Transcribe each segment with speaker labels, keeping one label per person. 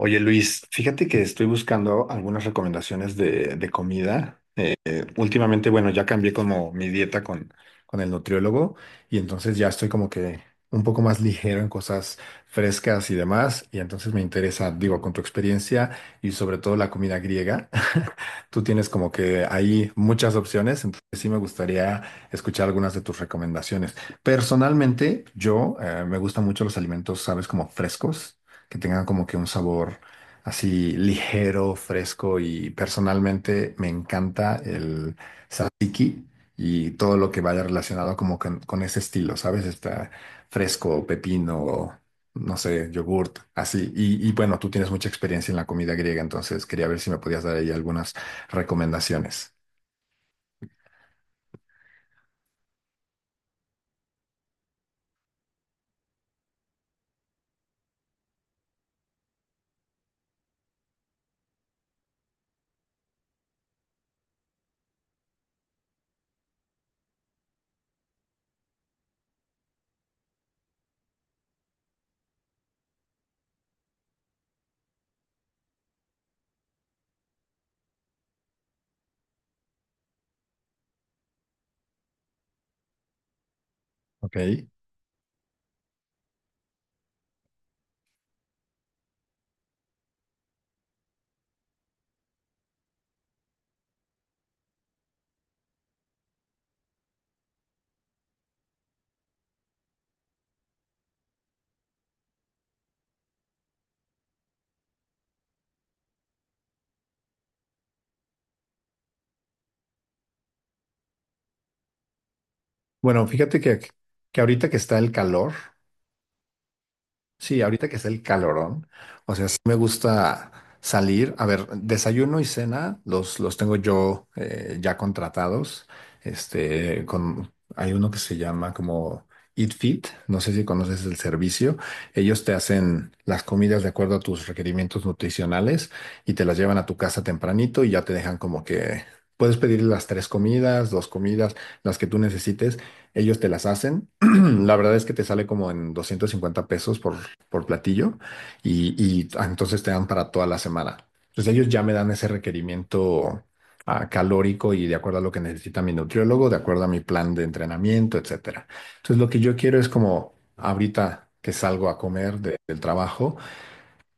Speaker 1: Oye Luis, fíjate que estoy buscando algunas recomendaciones de comida. Últimamente, bueno, ya cambié como mi dieta con el nutriólogo y entonces ya estoy como que un poco más ligero en cosas frescas y demás. Y entonces me interesa, digo, con tu experiencia y sobre todo la comida griega, tú tienes como que ahí muchas opciones, entonces sí me gustaría escuchar algunas de tus recomendaciones. Personalmente, yo me gustan mucho los alimentos, sabes, como frescos, que tengan como que un sabor así ligero, fresco y personalmente me encanta el tzatziki y todo lo que vaya relacionado como con ese estilo, ¿sabes? Está fresco, pepino, no sé, yogurt, así. Y bueno, tú tienes mucha experiencia en la comida griega, entonces quería ver si me podías dar ahí algunas recomendaciones. Ok. Bueno, que ahorita que está el calor, sí, ahorita que es el calorón, o sea, sí me gusta salir. A ver, desayuno y cena los tengo yo ya contratados. Este, con, hay uno que se llama como Eat Fit, no sé si conoces el servicio. Ellos te hacen las comidas de acuerdo a tus requerimientos nutricionales y te las llevan a tu casa tempranito y ya te dejan como que puedes pedir las tres comidas, dos comidas, las que tú necesites. Ellos te las hacen. La verdad es que te sale como en 250 pesos por platillo y entonces te dan para toda la semana. Entonces ellos ya me dan ese requerimiento calórico y de acuerdo a lo que necesita mi nutriólogo, de acuerdo a mi plan de entrenamiento, etcétera. Entonces lo que yo quiero es como ahorita que salgo a comer del trabajo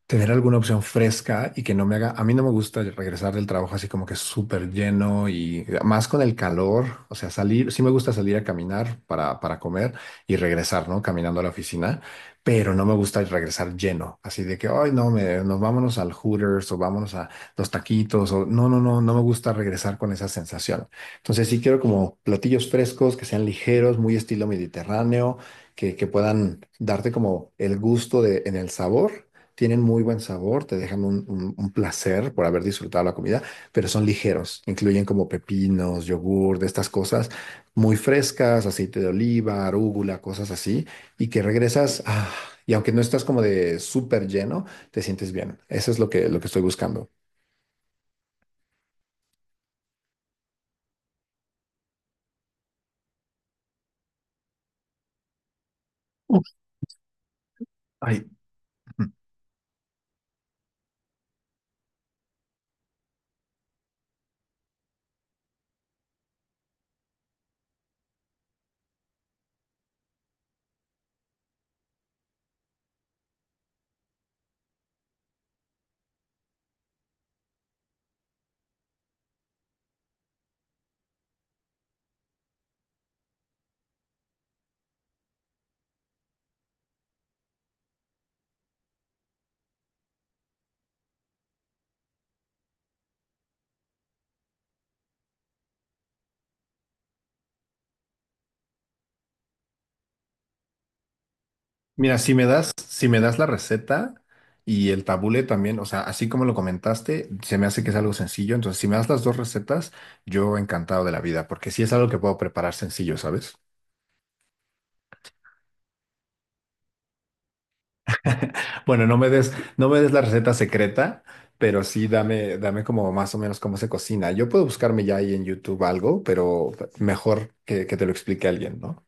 Speaker 1: tener alguna opción fresca y que no me haga, a mí no me gusta regresar del trabajo así como que súper lleno y más con el calor, o sea, salir, sí me gusta salir a caminar para comer y regresar, ¿no? Caminando a la oficina, pero no me gusta regresar lleno, así de que, ay, no, me, nos vámonos al Hooters o vámonos a los taquitos o no me gusta regresar con esa sensación. Entonces sí quiero como platillos frescos que sean ligeros, muy estilo mediterráneo, que puedan darte como el gusto de, en el sabor tienen muy buen sabor, te dejan un placer por haber disfrutado la comida, pero son ligeros, incluyen como pepinos, yogur, de estas cosas muy frescas, aceite de oliva, arúgula, cosas así, y que regresas, y aunque no estás como de súper lleno, te sientes bien. Eso es lo que estoy buscando. Uf, ay. Mira, si me das la receta y el tabule también, o sea, así como lo comentaste, se me hace que es algo sencillo. Entonces, si me das las dos recetas, yo encantado de la vida, porque sí es algo que puedo preparar sencillo, ¿sabes? Bueno, no me des la receta secreta, pero sí dame, dame como más o menos cómo se cocina. Yo puedo buscarme ya ahí en YouTube algo, pero mejor que te lo explique alguien, ¿no?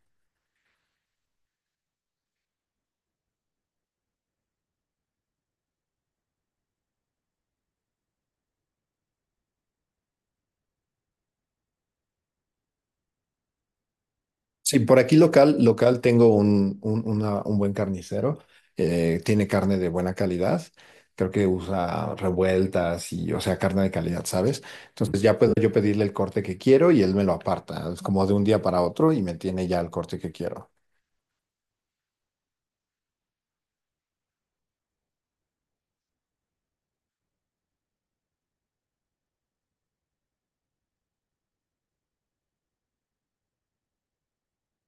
Speaker 1: Sí, por aquí local, local tengo un buen carnicero. Eh, tiene carne de buena calidad. Creo que usa revueltas y, o sea, carne de calidad, ¿sabes? Entonces ya puedo yo pedirle el corte que quiero y él me lo aparta. Es como de un día para otro y me tiene ya el corte que quiero.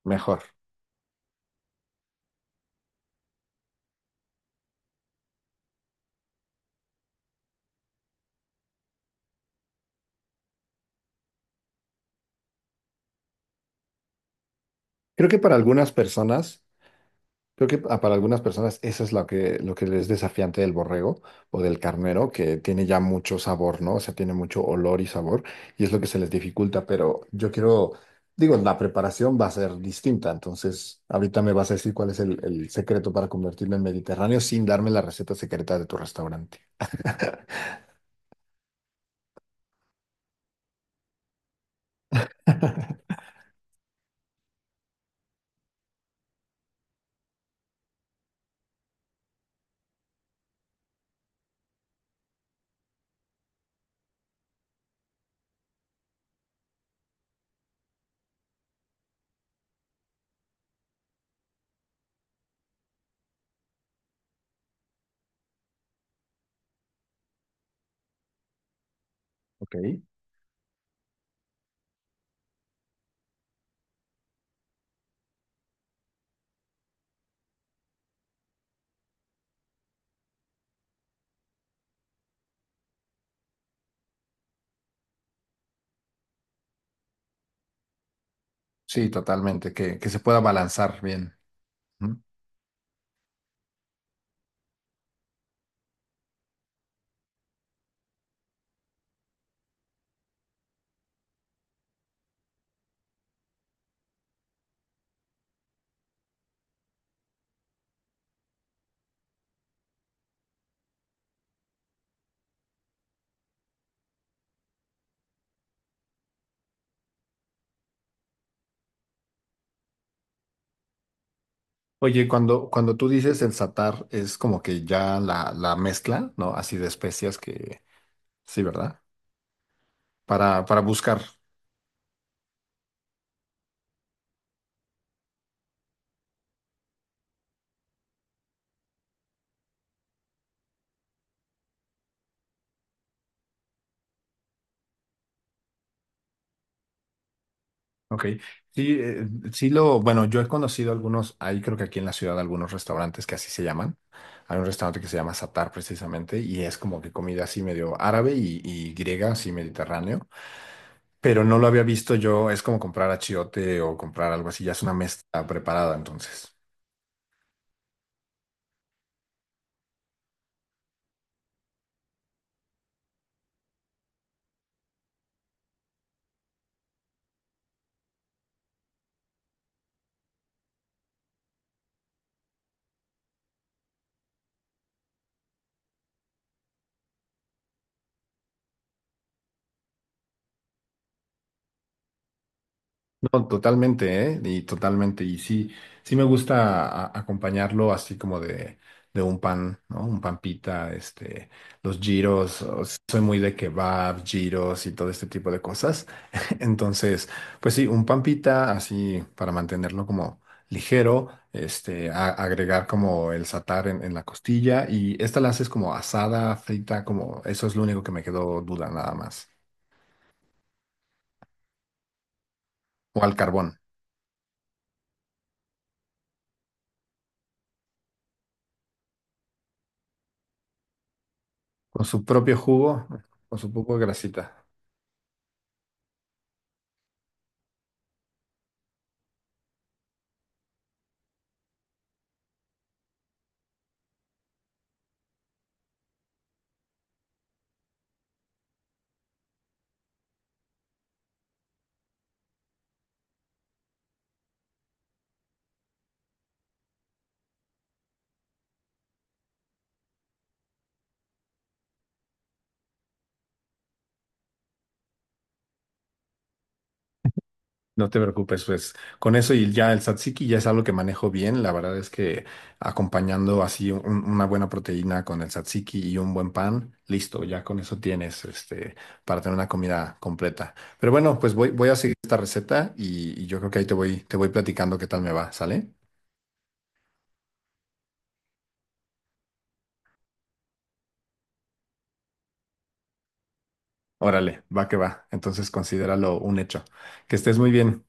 Speaker 1: Mejor. Creo que para algunas personas. Creo que para algunas personas eso es lo que es desafiante del borrego o del carnero, que tiene ya mucho sabor, ¿no? O sea, tiene mucho olor y sabor, y es lo que se les dificulta, pero yo quiero, digo, la preparación va a ser distinta, entonces ahorita me vas a decir cuál es el secreto para convertirme en mediterráneo sin darme la receta secreta de tu restaurante. Ok. Sí, totalmente, que se pueda balancear bien. Ujú. Oye, cuando tú dices el satar, es como que ya la mezcla, ¿no? Así de especias que... Sí, ¿verdad? Para buscar. Ok. Sí, sí lo, bueno, yo he conocido algunos, hay creo que aquí en la ciudad algunos restaurantes que así se llaman. Hay un restaurante que se llama Satar precisamente y es como que comida así medio árabe y griega, así mediterráneo, pero no lo había visto yo, es como comprar achiote o comprar algo así, ya es una mezcla preparada entonces. No, totalmente, ¿eh? Y totalmente. Y sí, sí me gusta acompañarlo así como de un pan, ¿no? Un pan pita, este, los giros. O sea, soy muy de kebab, giros y todo este tipo de cosas. Entonces, pues sí, un pan pita así para mantenerlo como ligero, este, agregar como el satar en la costilla y esta la haces como asada, frita, como eso es lo único que me quedó duda nada más. O al carbón. Con su propio jugo, con su poco de grasita. No te preocupes, pues con eso y ya el tzatziki ya es algo que manejo bien. La verdad es que acompañando así una buena proteína con el tzatziki y un buen pan, listo, ya con eso tienes este, para tener una comida completa. Pero bueno, pues voy, voy a seguir esta receta y yo creo que ahí te voy platicando qué tal me va, ¿sale? Órale, va que va. Entonces considéralo un hecho. Que estés muy bien.